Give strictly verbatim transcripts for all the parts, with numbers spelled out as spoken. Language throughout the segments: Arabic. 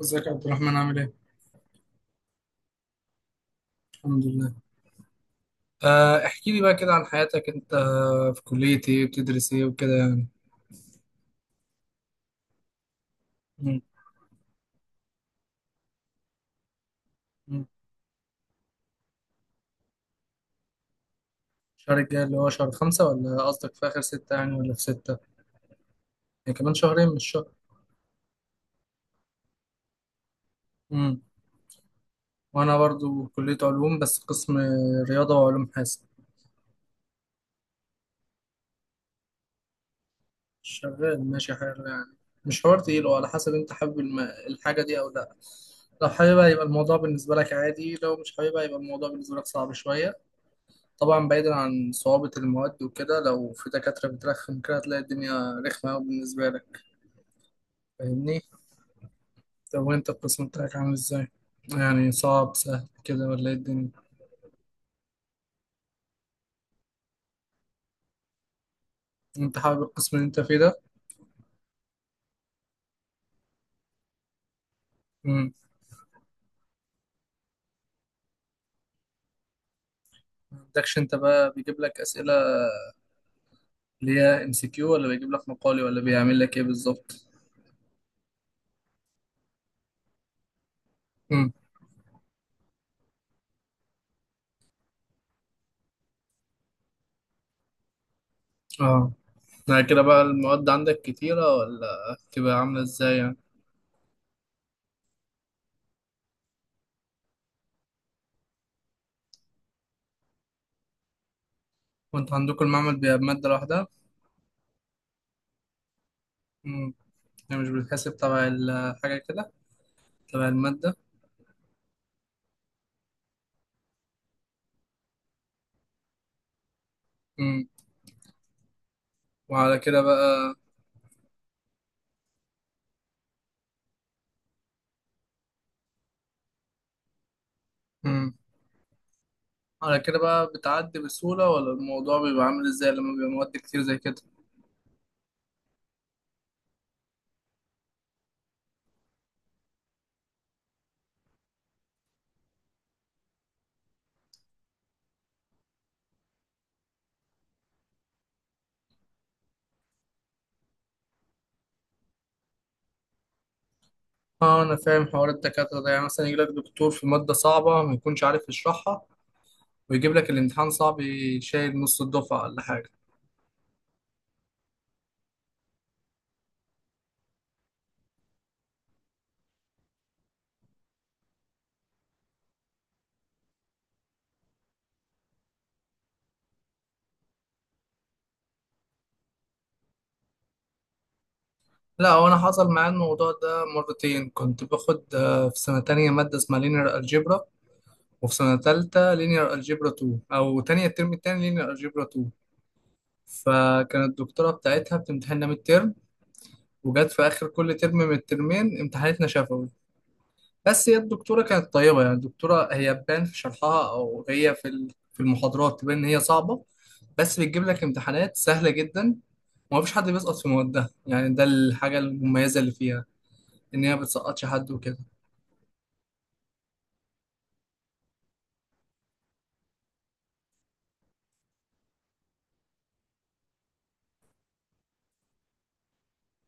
ازيك يا عبد الرحمن؟ عامل ايه؟ الحمد لله. آه، احكي لي بقى كده عن حياتك انت، في كلية ايه، بتدرس ايه وكده يعني. مم، مم. الشهر الجاي اللي هو شهر خمسة ولا قصدك في آخر ستة يعني ولا في ستة؟ يعني كمان شهرين مش شهر. مم. وأنا برضو كلية علوم بس قسم رياضة وعلوم حاسب. شغال ماشي حاجة يعني، مش حوار تقيل. وعلى حسب انت حابب الم- الحاجة دي أو لأ. لو حاببها يبقى الموضوع بالنسبة لك عادي، لو مش حاببها يبقى الموضوع بالنسبة لك صعب شوية. طبعا بعيدا عن صعوبة المواد وكده، لو في دكاترة بترخم كده هتلاقي الدنيا رخمة أوي بالنسبة لك. فاهمني؟ طب وأنت القسم بتاعك عامل إزاي؟ يعني صعب، سهل كده، ولا إيه الدنيا؟ أنت حابب القسم اللي أنت فيه ده؟ مم. ما عندكش أنت بقى بيجيب لك أسئلة اللي هي ام سي كيو، ولا بيجيب لك مقالي، ولا بيعمل لك إيه بالظبط؟ مم. أه. يعني كده بقى المواد عندك كتيرة ولا بتبقى عاملة إزاي يعني؟ وأنت عندكم المعمل بيبقى بمادة لوحدها؟ مم. يعني مش بتحسب تبع الحاجة كده؟ تبع المادة. مم. وعلى كده بقى. مم. على كده بقى بتعدي بسهولة، ولا الموضوع بيبقى عامل ازاي لما بيبقى مواد كتير زي كده؟ اه انا فاهم حوار الدكاترة ده. يعني مثلا يجيلك دكتور في مادة صعبة ما يكونش عارف يشرحها، ويجيب لك الامتحان صعب يشيل نص الدفعة ولا حاجة. لا، هو انا حصل معايا الموضوع ده مرتين. كنت باخد آه، في سنة تانية مادة اسمها لينير الجبرا، وفي سنة تالتة لينير الجبرا اتنين، او تانية الترم التاني لينير الجبرا اتنين. فكانت الدكتورة بتاعتها بتمتحننا ميد ترم، وجت في اخر كل ترم من الترمين امتحانتنا شفوي. بس هي الدكتوره كانت طيبه يعني. الدكتوره هي بان في شرحها، او هي في ال- في المحاضرات تبان ان هي صعبه، بس بتجيب لك امتحانات سهله جدا، وما فيش حد بيسقط في موادها يعني. ده الحاجه المميزه اللي فيها، ان هي ما بتسقطش حد وكده.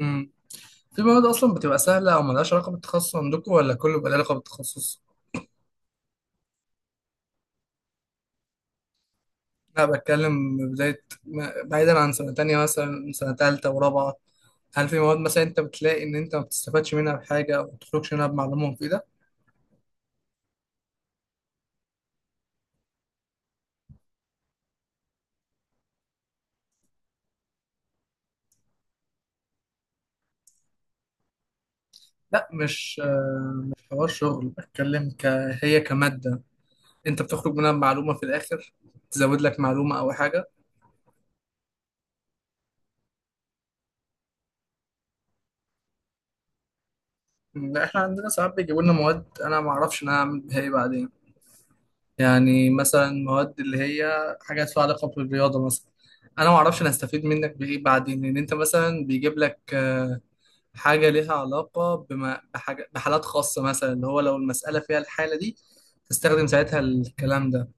امم في مواد اصلا بتبقى سهله او ملهاش علاقه بالتخصص عندكم، ولا كله بيبقى له علاقه بالتخصص؟ لا، بتكلم بدايه ما- بعيدا عن سنه تانية، مثلا سنه تالتة ورابعه. هل في مواد مثلا انت بتلاقي ان انت ما بتستفادش منها بحاجه، او ما بتخرجش منها بمعلومه مفيده؟ لا، مش آه، مش حوار شغل، بتكلم ك... هي كماده، انت بتخرج منها بمعلومه في الاخر، تزود لك معلومه او حاجه. لا، احنا عندنا ساعات بيجيبوا لنا مواد انا ما اعرفش انا هعمل بيها ايه بعدين. يعني مثلا مواد اللي هي حاجات لها علاقه بالرياضه مثلا، انا ما اعرفش انا هستفيد منك بايه بعدين. لان انت مثلا بيجيب لك آه، حاجة ليها علاقة بما بحاجة بحالات خاصة، مثلا اللي هو لو المسألة فيها الحالة دي تستخدم ساعتها الكلام ده،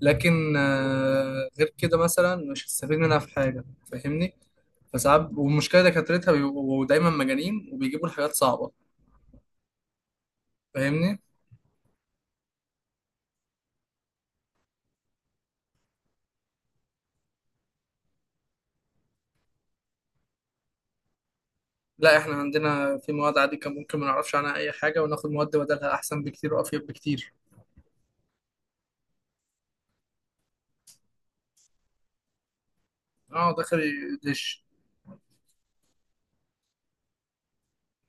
لكن آه، غير كده مثلا مش هتستفيد منها في حاجة. فاهمني؟ فساعات والمشكلة دكاترتها بيبقوا دايما مجانين وبيجيبوا الحاجات صعبة. فاهمني؟ لا، احنا عندنا في مواد عادي كان ممكن ما نعرفش عنها أي حاجة وناخد مواد بدلها أحسن بكتير وأفيد بكتير. اه، داخل ليش.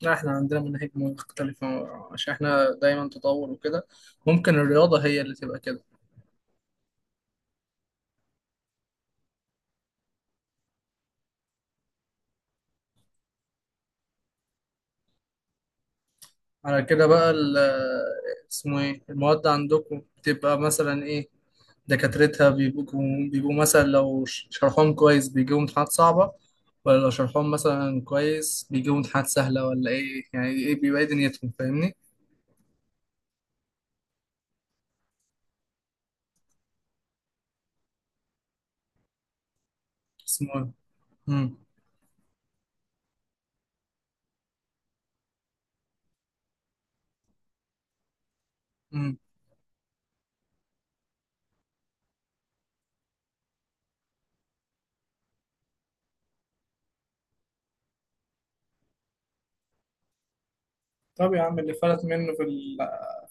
لا، احنا عندنا مناهج مختلفة، عشان احنا دايما تطور وكده. ممكن الرياضة هي اللي تبقى كده. على كده بقى ال- اسمه ايه المواد عندكم، بتبقى مثلا ايه؟ دكاترتها بيبقوا بيبقوا مثلا لو ش- شرحهم كويس بيجيبوا امتحانات صعبة، ولا لو شرحهم مثلا كويس بيجيبوا امتحانات سهلة، ولا ايه يعني؟ ايه بيبقى ايه دنيتهم؟ فاهمني؟ اسمه ايه؟ مم. مم. طب يا عم، اللي فلت منه في ال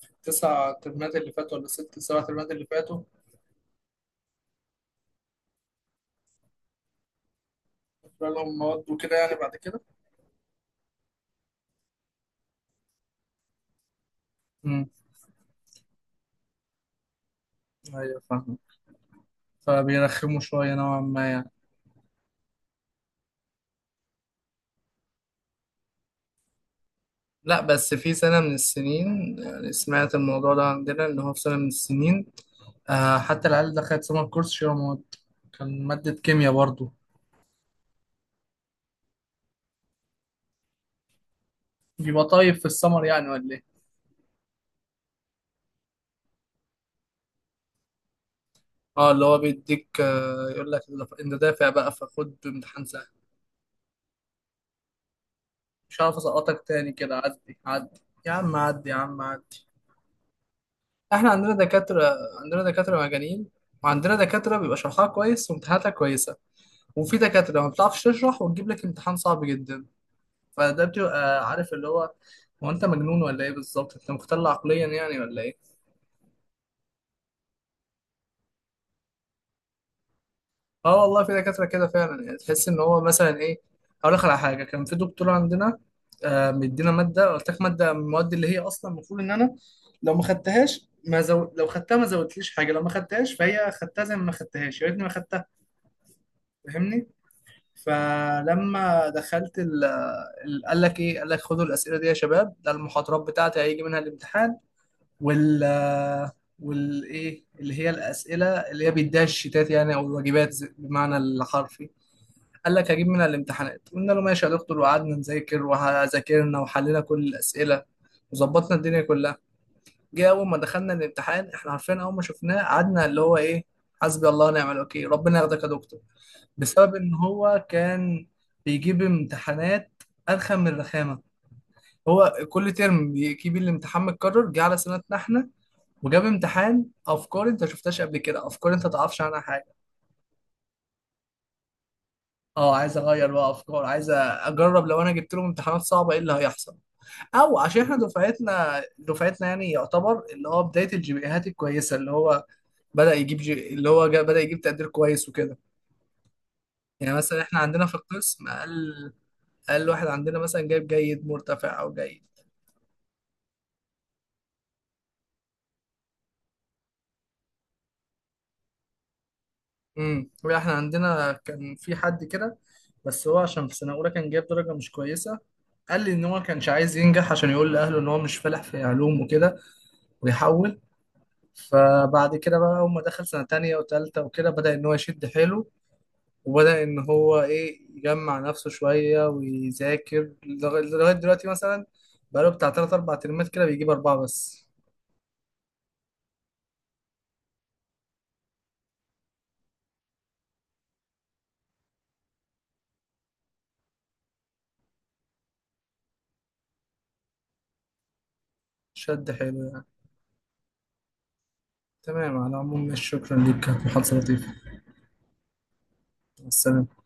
في التسع ترمات اللي فاتوا، ولا الست سبع ترمات اللي فاتوا؟ بقى لهم مواد وكده يعني بعد كده. امم ايوه، فاهم. فبيرخموا شوية نوعا ما يعني. لا، بس في سنة من السنين، يعني سمعت الموضوع ده عندنا إن هو في سنة من السنين، آه حتى العيال دخلت سمر كورس شبه مواد، كان مادة كيمياء برضو. بيبقى طيب في السمر يعني ولا إيه؟ اه، اللي هو بيديك آه يقول لك إذا- انت دافع بقى فخد امتحان سهل. مش عارف اسقطك تاني كده، عدي عدي. يا عم عدي، يا عم عدي. احنا عندنا دكاترة. عندنا دكاترة مجانين، وعندنا دكاترة بيبقى شرحها كويس وامتحاناتها كويسة، وفي دكاترة ما بتعرفش تشرح وتجيب لك امتحان صعب جدا. فده بتبقى عارف اللي هو، هو انت مجنون ولا ايه بالظبط؟ انت مختل عقليا يعني ولا ايه؟ اه والله، في دكاتره كده فعلا، يعني تحس ان هو مثلا ايه. اقول لك على حاجه، كان في دكتور عندنا آه مدينا ماده. قلت لك ماده من المواد اللي هي اصلا المفروض ان انا لو ما خدتهاش ما زو... لو خدتها ما زودتليش حاجه، لو ما خدتهاش فهي خدتها زي ما ما خدتهاش، يا ريتني ما خدتها. فاهمني؟ فلما دخلت ال... ال- قال لك ايه، قال لك خدوا الاسئله دي يا شباب، ده المحاضرات بتاعتي هيجي منها الامتحان، وال والايه اللي هي الاسئله اللي هي بيديها الشيتات يعني، او الواجبات زي- بمعنى الحرفي. قال لك هجيب منها الامتحانات، قلنا له ماشي يا دكتور، وقعدنا نذاكر وذاكرنا وحلينا كل الاسئله وظبطنا الدنيا كلها. جه اول ما دخلنا الامتحان احنا عارفين، اول ما شفناه قعدنا اللي هو ايه، حسبي الله ونعم الوكيل، ربنا ياخدك يا دكتور. بسبب ان هو كان بيجيب امتحانات ارخم من الرخامه. هو كل ترم بيجيب الامتحان متكرر، جه على سنتنا احنا وجاب امتحان افكار انت شفتهاش قبل كده، افكار انت تعرفش عنها حاجه. اه، عايز اغير بقى افكار، عايز اجرب لو انا جبت لهم امتحانات صعبه ايه اللي هيحصل، او عشان احنا دفعتنا دفعتنا يعني يعتبر اللي هو بدايه الجي بي ايهات الكويسه، اللي هو بدا يجيب جي... اللي هو جا... بدا يجيب تقدير كويس وكده. يعني مثلا احنا عندنا في القسم اقل اقل واحد عندنا مثلا جايب جيد مرتفع او جيد. امم احنا عندنا كان في حد كده، بس هو عشان في سنه اولى كان جايب درجه مش كويسه، قال لي ان هو كانش عايز ينجح عشان يقول لاهله ان هو مش فالح في علوم وكده، ويحول. فبعد كده بقى اول ما دخل سنه تانية وتالتة وكده بدأ ان هو يشد حيله، وبدأ ان هو ايه يجمع نفسه شويه ويذاكر، لغ- لغايه دلوقتي مثلا بقاله بتاع تلات اربع ترمات كده بيجيب اربعه بس. شد حيله يعني. تمام، على العموم شكرا ليك، كانت محادثه لطيفه. مع السلامه.